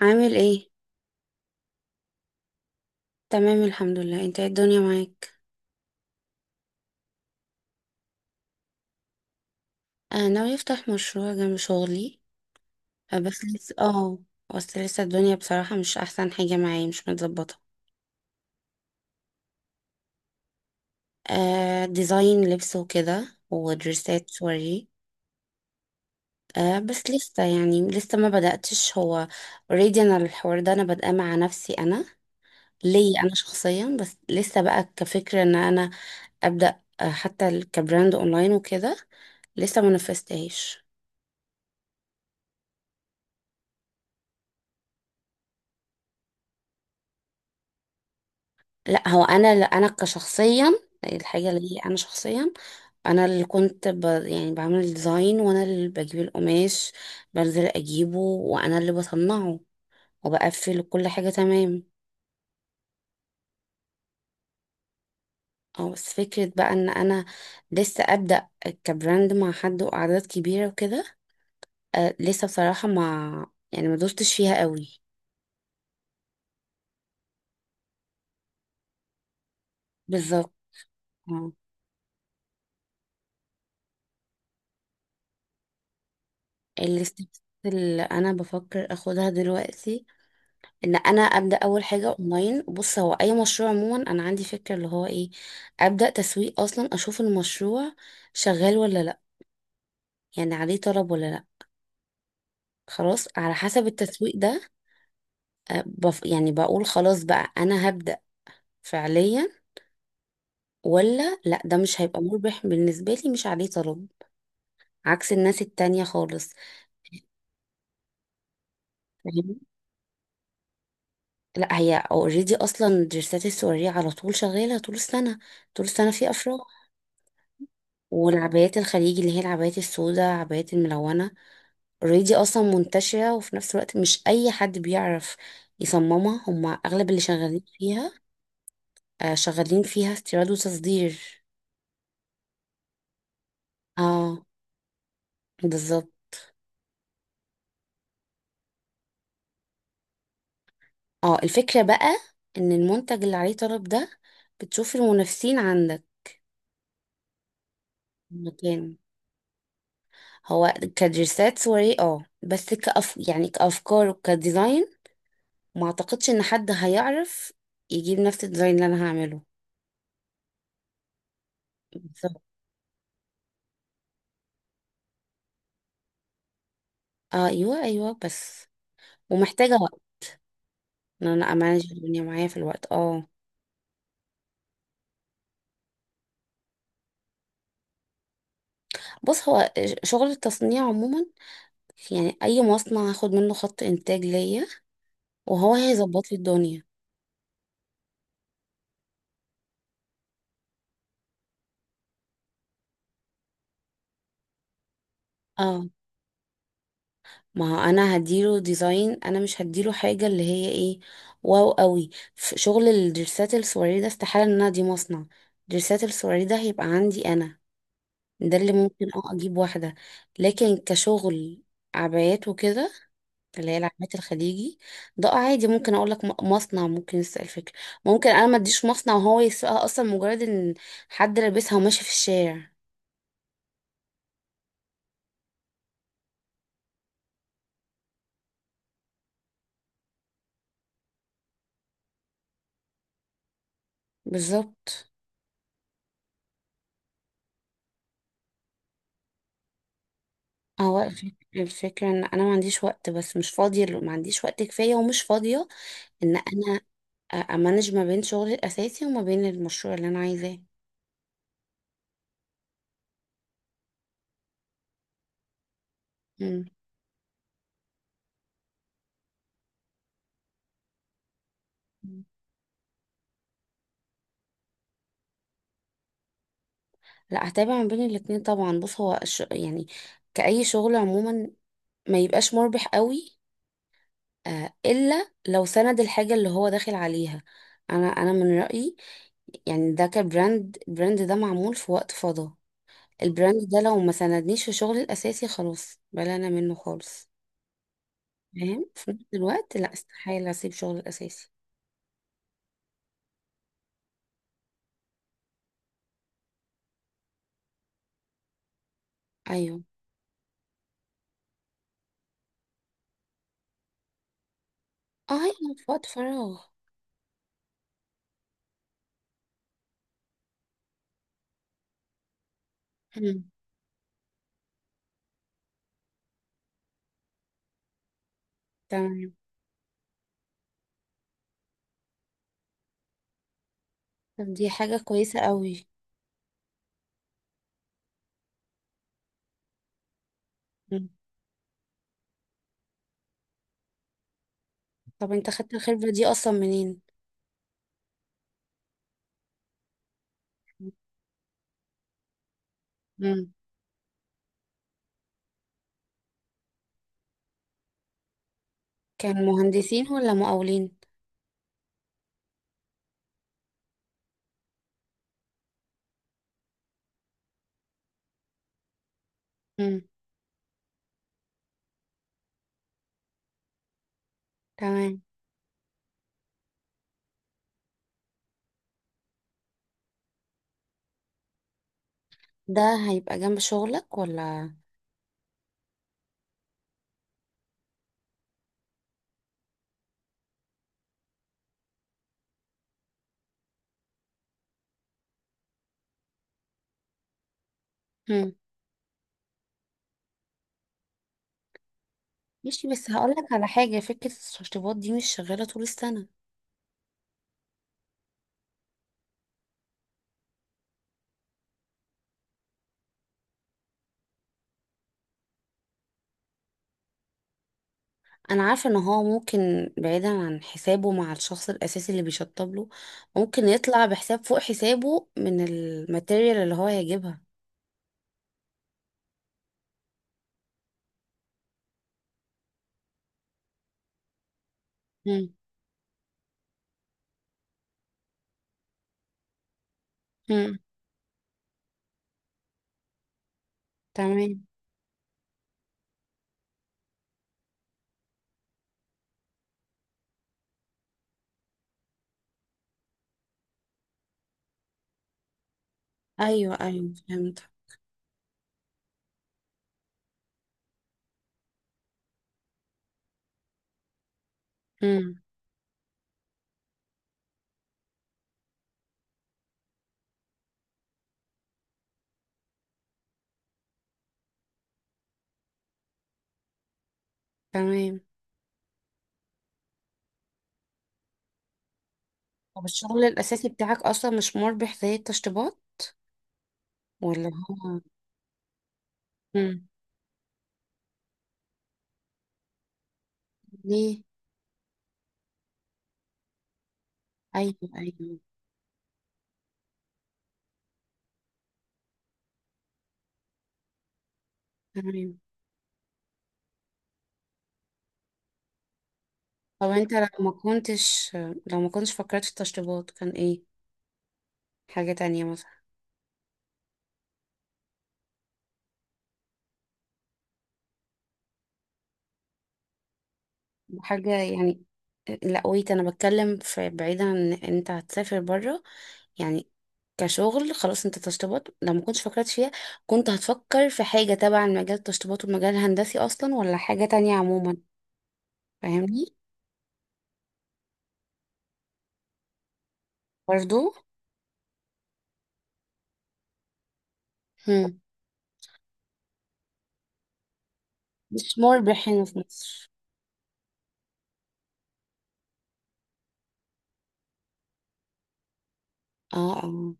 عامل ايه؟ تمام، الحمد لله. انت، ايه الدنيا معاك؟ انا ناوي افتح مشروع جنب شغلي، بس لسه اه بس لسه الدنيا بصراحة مش احسن حاجة معايا، مش متظبطة. آه، ديزاين لبس وكده ودريسات سوري. آه، بس لسه يعني لسه ما بدأتش هو. اوريدي انا الحوار ده انا بادئه مع نفسي، انا ليا انا شخصيا، بس لسه بقى كفكرة ان انا ابدأ حتى كبراند اونلاين وكده، لسه ما نفذتهاش. لا، هو انا، لا انا كشخصيا، الحاجه اللي انا شخصيا، انا اللي كنت يعني بعمل الديزاين، وانا اللي بجيب القماش، بنزل اجيبه وانا اللي بصنعه وبقفل كل حاجه. تمام. اه، بس فكره بقى ان انا لسه ابدا كبراند مع حد واعداد كبيره وكده. أه، لسه بصراحه ما يعني ما دوستش فيها قوي. بالظبط. اه، الستبس اللي انا بفكر اخدها دلوقتي ان انا ابدا اول حاجه اونلاين. بص، هو اي مشروع عموما انا عندي فكره اللي هو ايه، ابدا تسويق اصلا، اشوف المشروع شغال ولا لا، يعني عليه طلب ولا لا. خلاص، على حسب التسويق ده، أه، بف يعني بقول خلاص بقى انا هبدا فعليا ولا لا، ده مش هيبقى مربح بالنسبه لي، مش عليه طلب عكس الناس التانية خالص. فاهمني؟ لا، هي اوريدي اصلا درسات السورية على طول شغاله طول السنه، طول السنه في افراح. والعبايات الخليجي، اللي هي العبايات السوداء، عبايات الملونة اوريدي اصلا منتشرة، وفي نفس الوقت مش اي حد بيعرف يصممها، هما اغلب اللي شغالين فيها آه، شغالين فيها استيراد وتصدير. اه، بالظبط. اه، الفكرة بقى ان المنتج اللي عليه طلب ده بتشوف المنافسين عندك في المكان. هو كدرسات صورية، اه بس كأف يعني كأفكار وكديزاين، ما اعتقدش ان حد هيعرف يجيب نفس الديزاين اللي انا هعمله. بالظبط. اه، ايوه ايوه، بس ومحتاجة وقت، ان انا امانج الدنيا معايا في الوقت اه بص، هو شغل التصنيع عموما، يعني اي مصنع هاخد منه خط انتاج ليا وهو هيظبط لي الدنيا. اه، ما هو انا هديله ديزاين، انا مش هديله حاجه اللي هي ايه، واو قوي. في شغل الدرسات السواري ده استحاله ان انا دي مصنع، درسات السواري ده هيبقى عندي انا، ده اللي ممكن اجيب واحدة. لكن كشغل عبايات وكده، اللي هي العبايات الخليجي، ده عادي ممكن اقول لك مصنع ممكن يسأل فكرة، ممكن انا ما اديش مصنع وهو يسوقها، اصلا مجرد ان حد لابسها وماشي في الشارع. بالظبط. هو الفكرة ان انا ما عنديش وقت، بس مش فاضية ما عنديش وقت كفاية ومش فاضية ان انا امانج ما بين شغلي الاساسي وما بين المشروع اللي انا عايزاه. مم. لا، هتابع ما بين الاتنين طبعا. بص، هو يعني كأي شغل عموما ما يبقاش مربح قوي، إلا لو سند الحاجة اللي هو داخل عليها. أنا من رأيي، يعني ده كبراند، البراند ده معمول في وقت فضا، البراند ده لو ما سندنيش في شغلي الأساسي خلاص بلانا منه خالص. فاهم، في نفس الوقت لا، استحالة أسيب شغلي الأساسي. أيوه. اه، أيوه، في وقت فراغ. مم. تمام. طب دي حاجة كويسة قوي. مم. طب انت خدت الخبرة دي أصلا منين؟ مم. كانوا مهندسين ولا مقاولين؟ مم. تمام. ده هيبقى جنب شغلك ولا؟ مم. ماشي، بس هقولك على حاجة. فكرة التشطيبات دي مش شغالة طول السنة. أنا عارفة إن هو ممكن بعيدا عن حسابه مع الشخص الأساسي اللي بيشطب له، ممكن يطلع بحساب فوق حسابه من الماتيريال اللي هو هيجيبها. مم. مم. تمام. أيوه، أيوه، فهمت. مم. تمام. طب الشغل الأساسي بتاعك أصلا مش مربح زي التشطيبات ولا هو؟ مم. ليه؟ ايوه، ايوه. تمام. طب انت لو ما كنتش فكرت في التشطيبات كان ايه، حاجة تانية مثلا؟ حاجة يعني. لا، انا بتكلم في بعيدا عن ان انت هتسافر بره، يعني كشغل خلاص، انت تشطيبات لو ما كنتش فكرت فيها كنت هتفكر في حاجة تبع المجال، التشطيبات والمجال الهندسي اصلا ولا حاجة تانية عموما؟ فاهمني؟ برضو. هم. مش مربح هنا في مصر. اه، اه.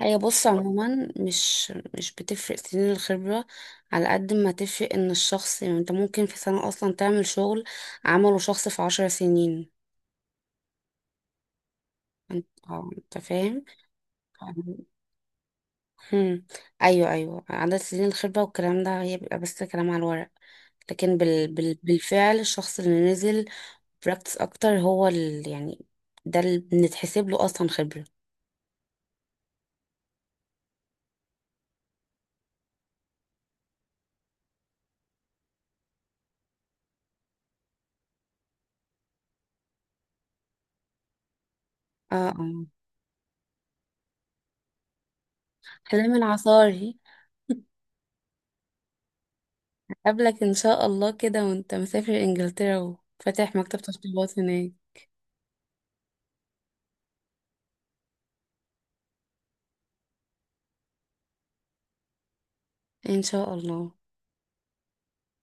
هي بص عموما، مش بتفرق سنين الخبرة، على قد ما تفرق ان الشخص، يعني انت ممكن في سنة اصلا تعمل شغل عمله شخص في 10 سنين. اه، انت فاهم. هم. ايوه، ايوه، عدد سنين الخبرة والكلام ده هي بيبقى بس كلام على الورق، لكن بالفعل الشخص اللي نزل براكتس اكتر هو يعني ده اللي بنتحسب له اصلا خبرة. اه، اه. كلام العصاري. قبلك ان شاء الله كده، وانت مسافر انجلترا وفاتح مكتب تشطيبات هناك. ان شاء الله.